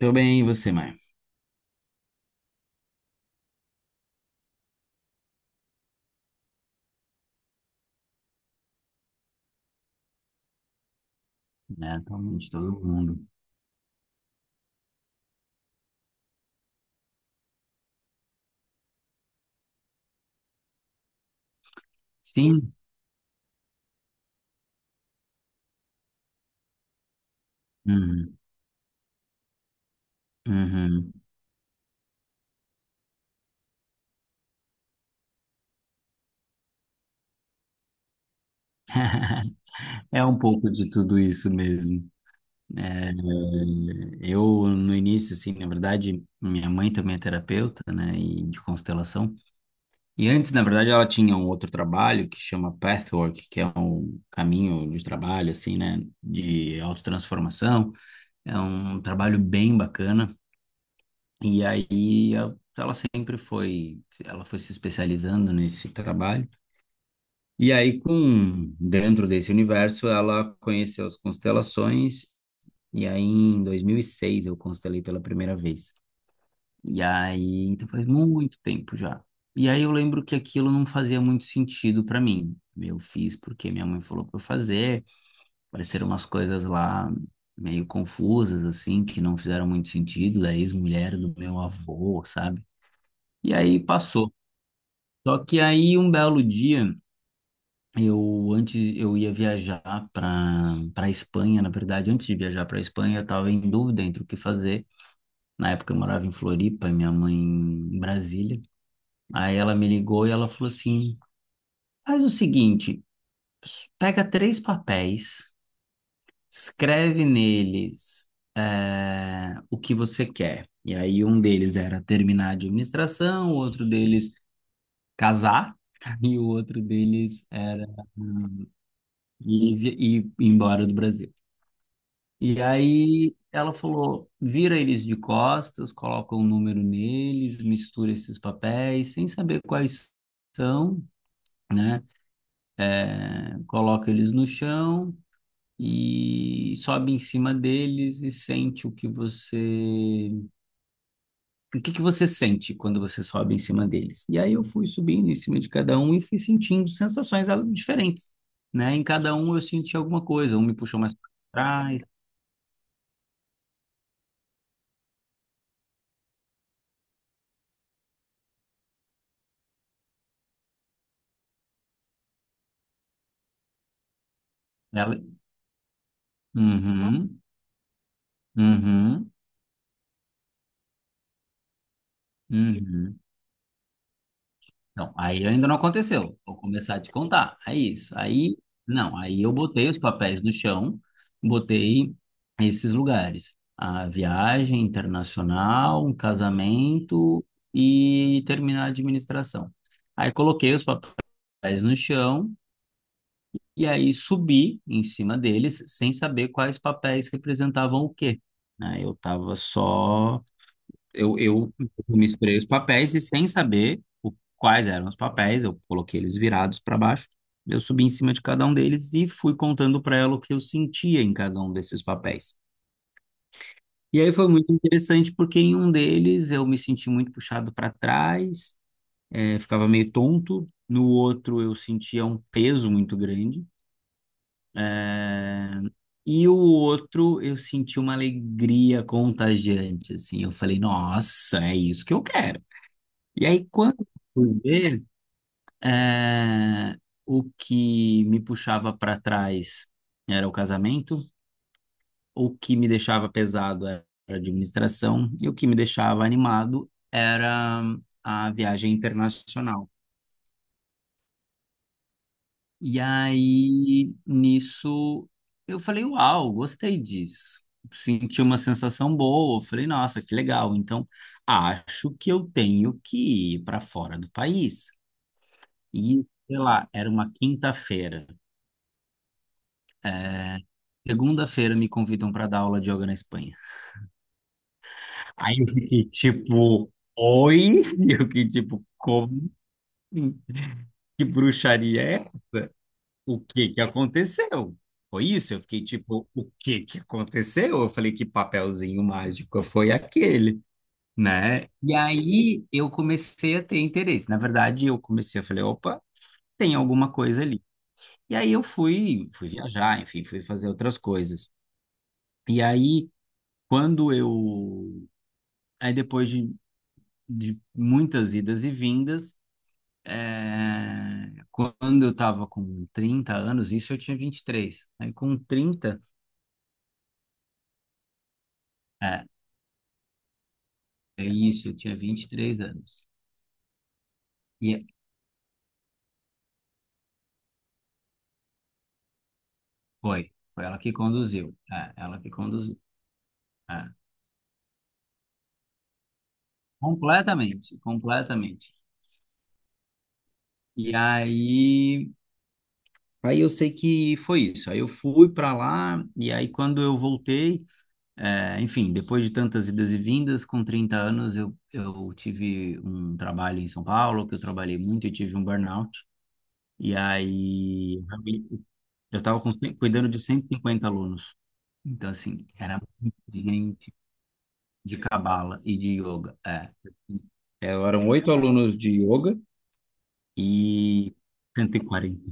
Tô bem, e você, mãe. É, atualmente, todo mundo. Sim? Uhum, uhum. É um pouco de tudo isso mesmo. É, eu, no início, assim, na verdade, minha mãe também é terapeuta, né, e de constelação. E antes, na verdade, ela tinha um outro trabalho que chama Pathwork, que é um caminho de trabalho, assim, né, de autotransformação. É um trabalho bem bacana. E aí ela foi se especializando nesse trabalho. E aí com dentro desse universo ela conheceu as constelações e aí em 2006 eu constelei pela primeira vez. E aí, então faz muito tempo já. E aí eu lembro que aquilo não fazia muito sentido para mim. Eu fiz porque minha mãe falou para eu fazer, pareceram umas coisas lá meio confusas assim, que não fizeram muito sentido, da ex-mulher do meu avô, sabe? E aí passou. Só que aí um belo dia, eu antes eu ia viajar para Espanha, na verdade, antes de viajar para Espanha, eu estava em dúvida entre o que fazer. Na época eu morava em Floripa e minha mãe em Brasília. Aí ela me ligou e ela falou assim: "Faz o seguinte, pega três papéis, escreve neles o que você quer". E aí um deles era terminar de administração, o outro deles casar e o outro deles e ir embora do Brasil. E aí ela falou: vira eles de costas, coloca um número neles, mistura esses papéis, sem saber quais são, né? É, coloca eles no chão e sobe em cima deles e sente o que você. O que que você sente quando você sobe em cima deles? E aí eu fui subindo em cima de cada um e fui sentindo sensações diferentes, né? Em cada um eu senti alguma coisa, um me puxou mais para trás. Uhum, uhum, uhum. Então, aí ainda não aconteceu. Vou começar a te contar. É isso. Aí, não, aí eu botei os papéis no chão, botei esses lugares. A viagem internacional, um casamento e terminar a administração. Aí coloquei os papéis no chão e aí subi em cima deles sem saber quais papéis representavam o quê. Né? Eu tava só. Eu misturei os papéis e sem saber quais eram os papéis, eu coloquei eles virados para baixo. Eu subi em cima de cada um deles e fui contando para ela o que eu sentia em cada um desses papéis. E aí foi muito interessante porque em um deles eu me senti muito puxado para trás, ficava meio tonto. No outro eu sentia um peso muito grande. eh, E o outro eu senti uma alegria contagiante, assim. Eu falei, nossa, é isso que eu quero. E aí, quando eu fui ver, eh, o que me puxava para trás era o casamento, o que me deixava pesado era a administração, e o que me deixava animado era a viagem internacional. E aí, nisso, eu falei, uau, gostei disso. Senti uma sensação boa, eu falei, nossa, que legal. Então, acho que eu tenho que ir para fora do país. E, sei lá, era uma quinta-feira. Segunda-feira me convidam para dar aula de yoga na Espanha. Aí eu fiquei tipo, oi? Eu fiquei tipo, como assim? Que bruxaria é essa? O que que aconteceu? Foi isso? Eu fiquei tipo, o que que aconteceu? Eu falei, que papelzinho mágico foi aquele, né? E aí eu comecei a ter interesse. Na verdade, eu falei, opa, tem alguma coisa ali. E aí eu fui, viajar, enfim, fui fazer outras coisas. E aí quando eu. Aí depois de, muitas idas e vindas, quando eu estava com 30 anos, isso eu tinha 23. Aí com 30, é, é isso, eu tinha 23 anos. E foi ela que conduziu. É, ela que conduziu. É, completamente, completamente. E aí, eu sei que foi isso. Aí eu fui para lá, e aí quando eu voltei. É, enfim, depois de tantas idas e vindas, com 30 anos eu tive um trabalho em São Paulo, que eu trabalhei muito e tive um burnout. E aí, eu estava cuidando de 150 alunos. Então, assim, era muita gente de cabala e de yoga. É. É, eram oito alunos de yoga e 140.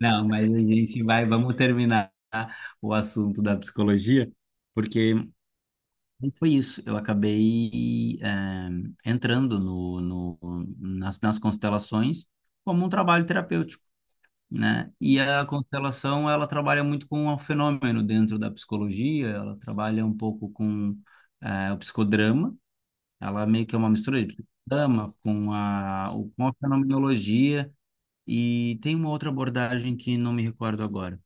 Não, mas a gente vai, vamos terminar o assunto da psicologia, porque foi isso, eu acabei entrando nas constelações como um trabalho terapêutico, né? E a constelação, ela trabalha muito com o fenômeno dentro da psicologia, ela trabalha um pouco com o psicodrama, ela meio que é uma mistura de psicodrama com com a fenomenologia e tem uma outra abordagem que não me recordo agora.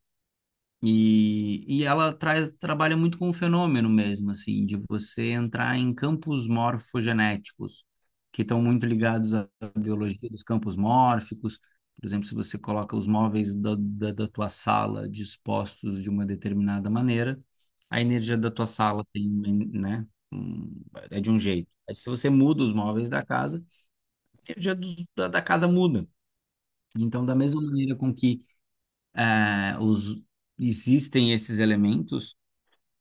E, ela trabalha muito com o fenômeno mesmo, assim, de você entrar em campos morfogenéticos, que estão muito ligados à biologia dos campos mórficos. Por exemplo, se você coloca os móveis da tua sala dispostos de uma determinada maneira, a energia da tua sala tem, né, é de um jeito. Aí, se você muda os móveis da casa, a energia da casa muda. Então, da mesma maneira com que eh, os, existem esses elementos,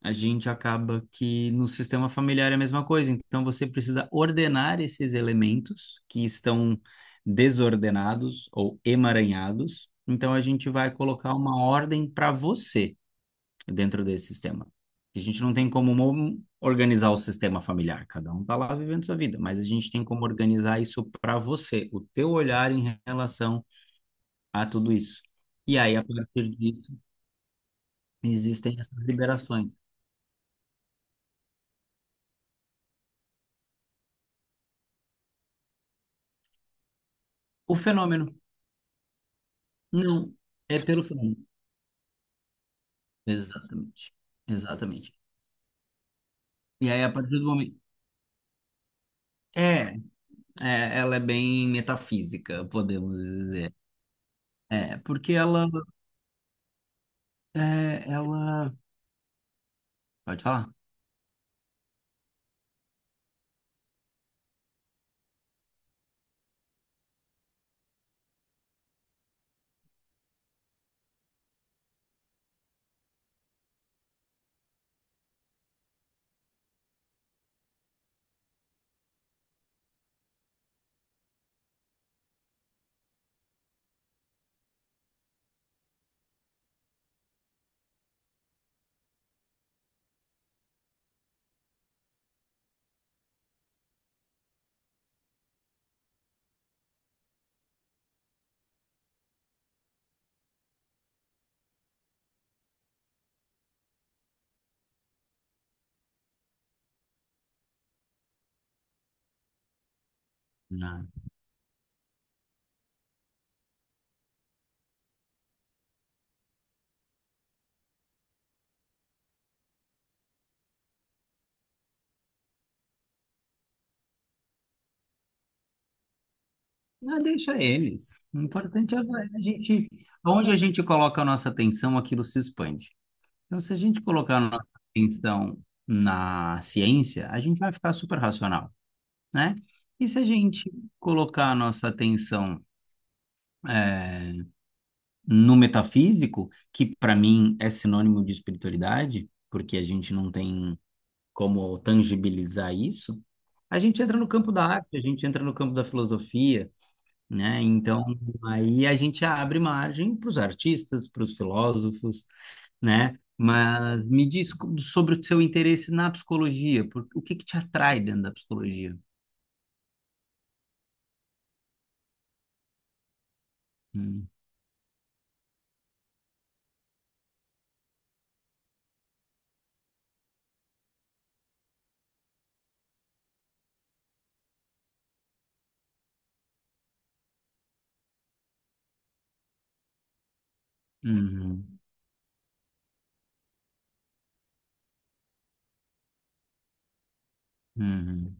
a gente acaba que no sistema familiar é a mesma coisa. Então você precisa ordenar esses elementos que estão desordenados ou emaranhados. Então a gente vai colocar uma ordem para você dentro desse sistema. A gente não tem como organizar o sistema familiar, cada um está lá vivendo sua vida, mas a gente tem como organizar isso para você, o teu olhar em relação a tudo isso. E aí, a partir disso, existem essas liberações. O fenômeno. Não, é pelo frango. Exatamente. Exatamente. E aí, a partir do momento. É, ela é bem metafísica, podemos dizer. É, porque ela. É, ela. Pode falar? Não. Não, deixa eles. O importante é a gente. Onde a gente coloca a nossa atenção, aquilo se expande. Então, se a gente colocar a nossa atenção na ciência, a gente vai ficar super racional, né? E se a gente colocar a nossa atenção. é, no metafísico, que para mim é sinônimo de espiritualidade, porque a gente não tem como tangibilizar isso, a gente entra no campo da arte, a gente entra no campo da filosofia, né? Então, aí a gente abre margem para os artistas, para os filósofos, né? Mas me diz sobre o seu interesse na psicologia, o que que te atrai dentro da psicologia? Hum, uhum, uhum.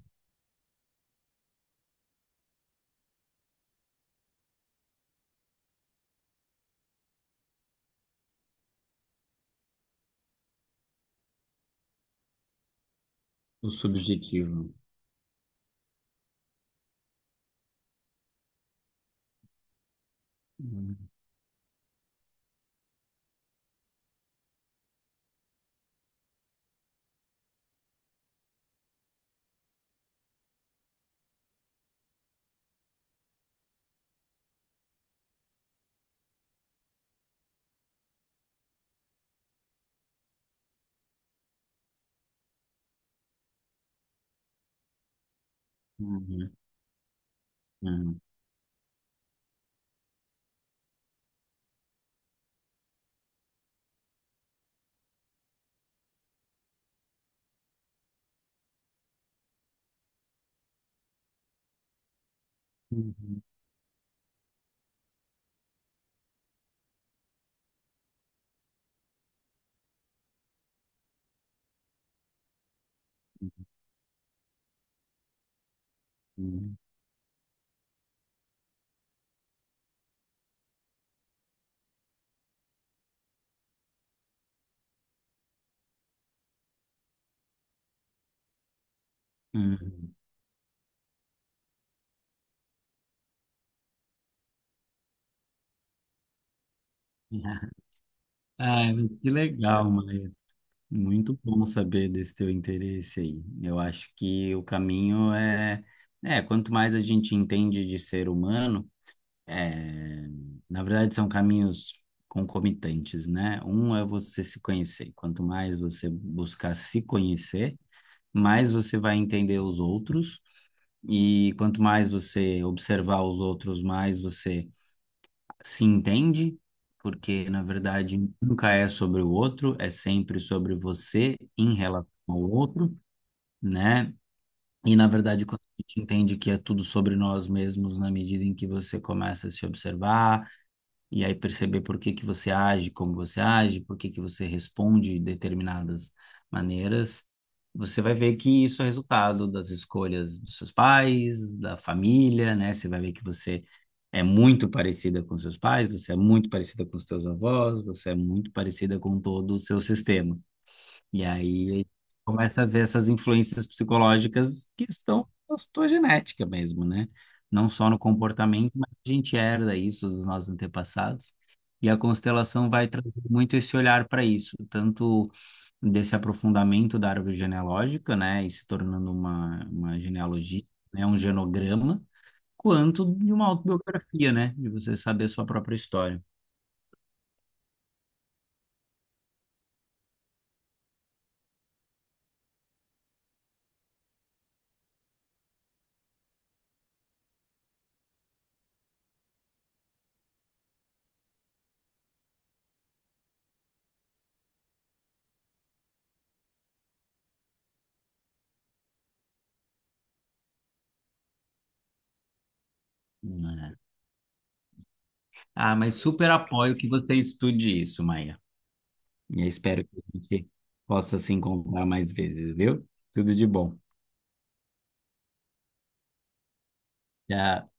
O subjetivo. Uhum, uhum, uhum. Hum, hum. Ah, mas que legal, Maia. Muito bom saber desse teu interesse aí. Eu acho que o caminho é, quanto mais a gente entende de ser humano, é, na verdade são caminhos concomitantes, né? Um é você se conhecer. Quanto mais você buscar se conhecer, mais você vai entender os outros. E quanto mais você observar os outros, mais você se entende, porque na verdade nunca é sobre o outro, é sempre sobre você em relação ao outro, né? E na verdade, quando a gente entende que é tudo sobre nós mesmos, na medida em que você começa a se observar, e aí perceber por que que você age, como você age, por que que você responde de determinadas maneiras, você vai ver que isso é resultado das escolhas dos seus pais, da família, né? Você vai ver que você é muito parecida com seus pais, você é muito parecida com os seus avós, você é muito parecida com todo o seu sistema. E aí começa a ver essas influências psicológicas que estão na sua genética mesmo, né? Não só no comportamento, mas a gente herda isso dos nossos antepassados. E a constelação vai trazer muito esse olhar para isso, tanto desse aprofundamento da árvore genealógica, né, e se tornando uma, genealogia, né, um genograma, quanto de uma autobiografia, né, de você saber a sua própria história. Né? Ah, mas super apoio que você estude isso, Maia. E eu espero que a gente possa se encontrar mais vezes, viu? Tudo de bom. Tchau.